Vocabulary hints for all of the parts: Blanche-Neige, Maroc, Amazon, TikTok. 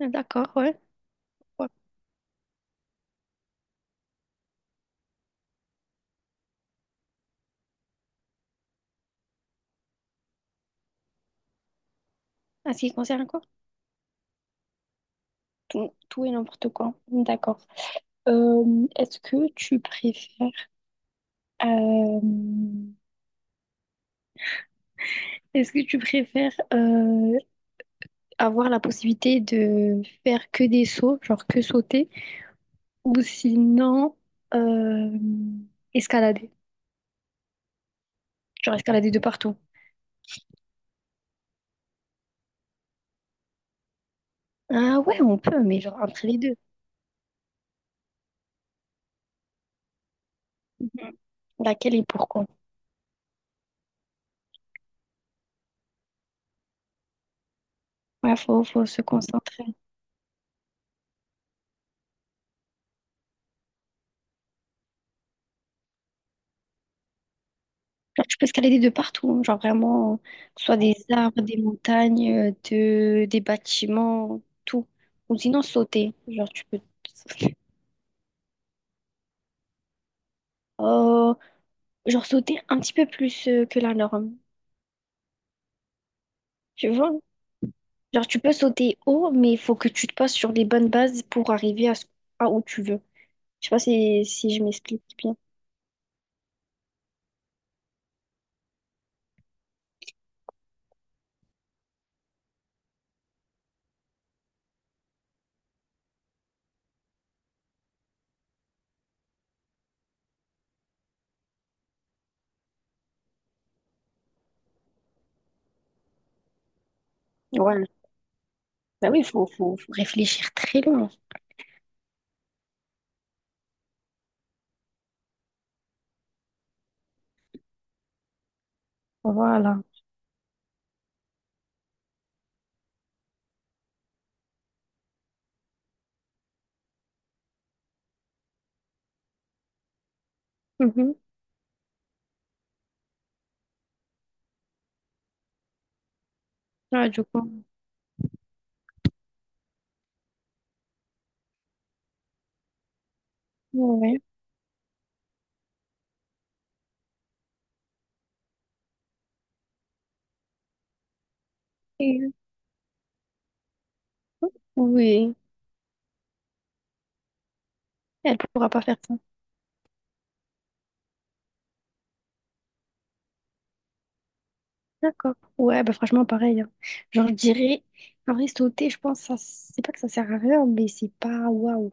D'accord, ouais. Ouais. En ce qui concerne quoi? Tout, tout et n'importe quoi. D'accord. Est-ce que tu préfères euh, est-ce que tu préfères avoir la possibilité de faire que des sauts, genre que sauter, ou sinon euh, escalader, genre escalader de partout? Ah ouais, on peut, mais genre entre les deux. Mhm. Laquelle et pourquoi? Ouais, faut se concentrer. Genre, tu peux escalader de partout, hein, genre vraiment, que ce soit des arbres, des montagnes, des bâtiments, tout. Ou sinon sauter, genre tu peux... Euh, genre sauter un petit peu plus que la norme, tu vois? Genre tu peux sauter haut, mais il faut que tu te passes sur les bonnes bases pour arriver à où tu veux. Je sais pas si, si je m'explique bien. Ouais, bah oui, faut réfléchir très loin. Voilà. Mhm. Ouais, du coup. Ouais. Oui, elle pourra pas faire ça. D'accord. Ouais, bah franchement, pareil, hein. Genre, je dirais, en vrai, sauter, je pense, ça, c'est pas que ça sert à rien, mais c'est pas waouh.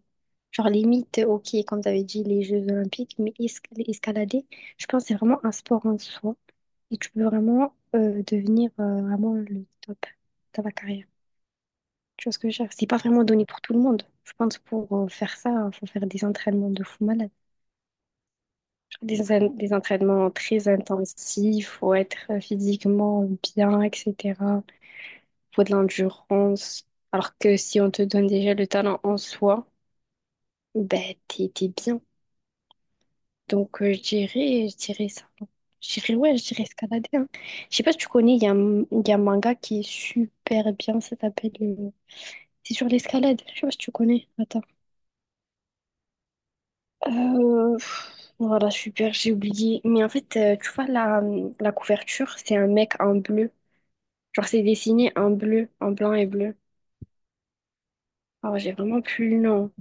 Genre, limite, ok, comme t'avais dit, les Jeux Olympiques, escalader, je pense, que c'est vraiment un sport en soi. Et tu peux vraiment devenir vraiment le top de ta carrière. Tu vois ce que je veux dire? C'est pas vraiment donné pour tout le monde. Je pense que pour faire ça, il faut faire des entraînements de fou malade. Des entraînements très intensifs, faut être physiquement bien, etc., faut de l'endurance. Alors que si on te donne déjà le talent en soi, ben t'es bien. Donc je dirais ça. Je dirais ouais, je dirais escalader, hein. Je sais pas si tu connais, il y a un manga qui est super bien, ça s'appelle... C'est sur l'escalade, je sais pas si tu connais. Attends. Voilà, super, j'ai oublié. Mais en fait, tu vois, la couverture, c'est un mec en bleu. Genre, c'est dessiné en bleu, en blanc et bleu. Alors, j'ai vraiment plus le nom.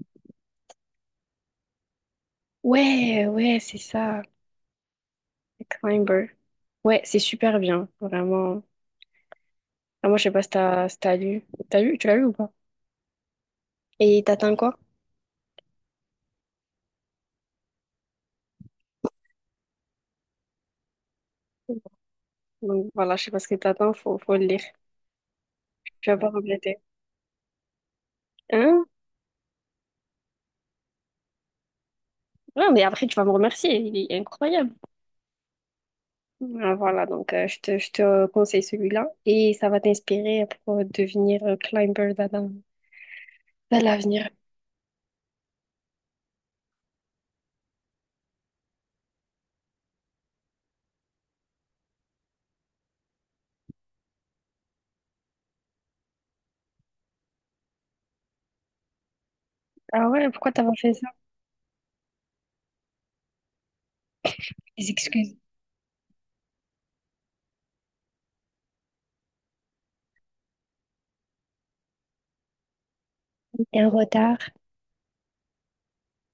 Ouais, ouais, c'est ça. Climber. Ouais, c'est super bien, vraiment. Ah, moi, je sais pas si t'as si t'as lu. T'as lu? Tu l'as lu ou pas? Et t'attends quoi? Donc voilà, je sais pas ce que t'attends, faut le lire. Tu vas pas regretter. Hein? Non, mais après, tu vas me remercier, il est incroyable. Ah, voilà, donc je te conseille celui-là et ça va t'inspirer pour devenir climber dans l'avenir. Ah ouais, pourquoi t'as pas fait ça? Des excuses. T'es en retard.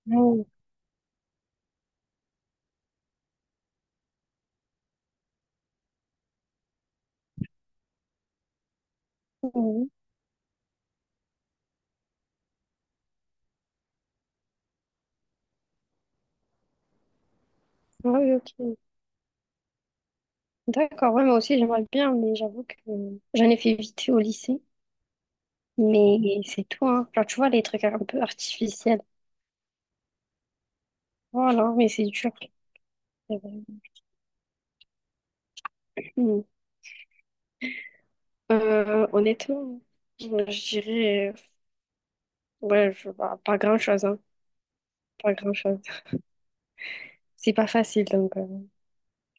Non. Mhm. Ah oui, ok. D'accord, ouais, moi aussi j'aimerais bien, mais j'avoue que j'en ai fait vite fait au lycée. Mais c'est tout, hein. Genre, tu vois, les trucs un peu artificiels. Voilà, mais c'est dur. C'est vrai. Hmm. Honnêtement, je dirais, ouais, je, bah, pas grand-chose, hein. Pas grand-chose. C'est pas facile, donc,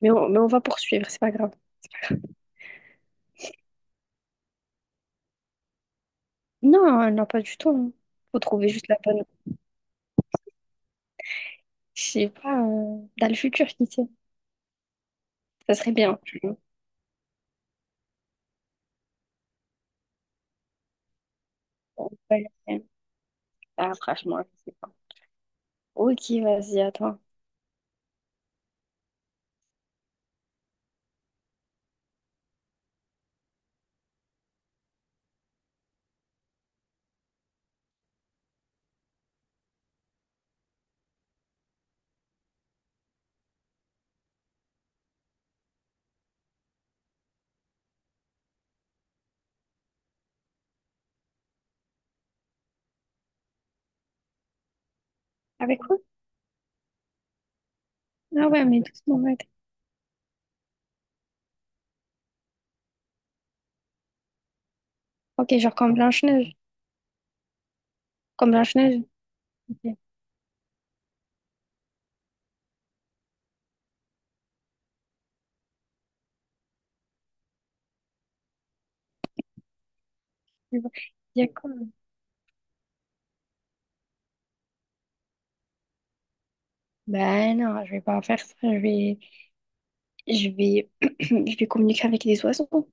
mais, mais on va poursuivre, c'est pas grave. Non, non, pas du tout, hein. Faut trouver juste la bonne. Je sais pas, dans le futur, qui sait. Ça serait bien, tu vois. Ouais, ouais. Ah, franchement, je sais pas. Ok, vas-y, à toi. Avec quoi? Ah ouais, mais doucement, ouais. Ok, genre comme Blanche-Neige. Comme Blanche-Neige. Ok. Je vois. Il y a quoi? Ben non, je vais pas faire ça. Je vais, je vais communiquer avec les oiseaux.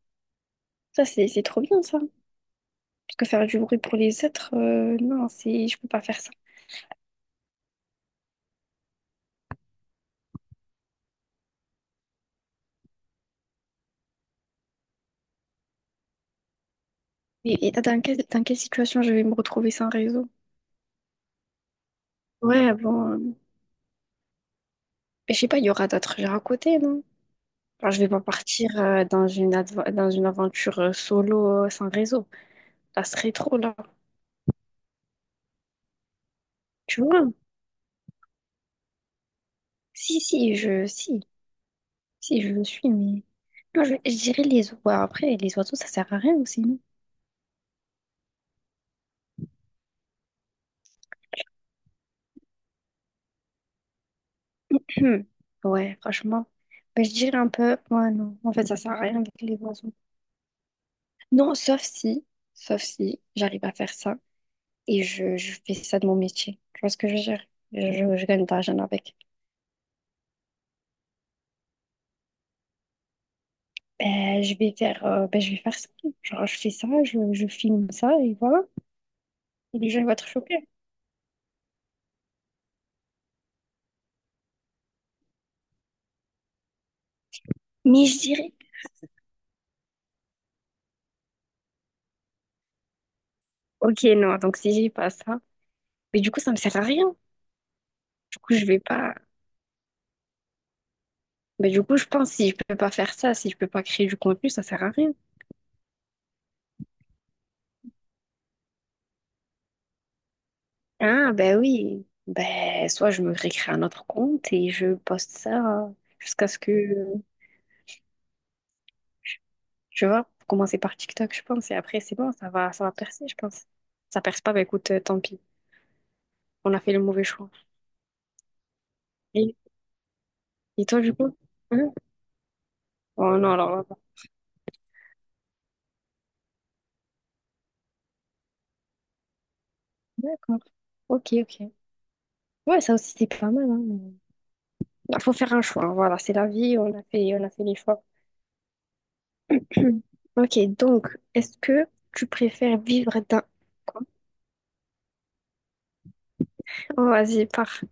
Ça, c'est trop bien, ça. Parce que faire du bruit pour les êtres, non, c'est, je peux pas faire ça. Et dans dans quelle situation je vais me retrouver sans réseau? Ouais, bon, je sais pas, il y aura d'autres gens à côté, non? Alors, je vais pas partir dans une aventure solo sans réseau. Ça serait trop, là. Tu vois? Si, si, je, si, si, je le suis, mais. Non, je dirais les oiseaux. Après, les oiseaux, ça sert à rien aussi, non? Ouais, franchement. Ben, je dirais un peu. Ouais, non. En fait, ça sert à rien avec les oiseaux. Non, sauf si j'arrive à faire ça et je fais ça de mon métier. Tu vois ce que je veux dire? Je gagne de l'argent avec. Ben, ben, je vais faire ça. Genre, je fais ça, je filme ça et voilà. Et les gens, ils vont être choqués. Mais je dirais. Ok, non, donc si j'ai pas ça, mais du coup, ça me sert à rien. Coup, je vais pas. Mais du coup, je pense si je peux pas faire ça, si je peux pas créer du contenu, ça sert à rien. Ah, ben oui. Ben, soit je me récrée un autre compte et je poste ça jusqu'à ce que, tu vois, faut commencer par TikTok, je pense, et après, c'est bon, ça va percer, je pense. Ça perce pas, ben écoute, tant pis. On a fait le mauvais choix. Et, et toi, du coup? Hein. Oh non, alors là, d'accord. Ok, ok. Ouais, ça aussi, c'est pas mal, hein, mais- Bah, faut faire un choix, hein, voilà, c'est la vie, on a fait les choix. Hmm. Ok, donc, est-ce que tu préfères vivre d'un Quoi. Oh, vas-y, pars.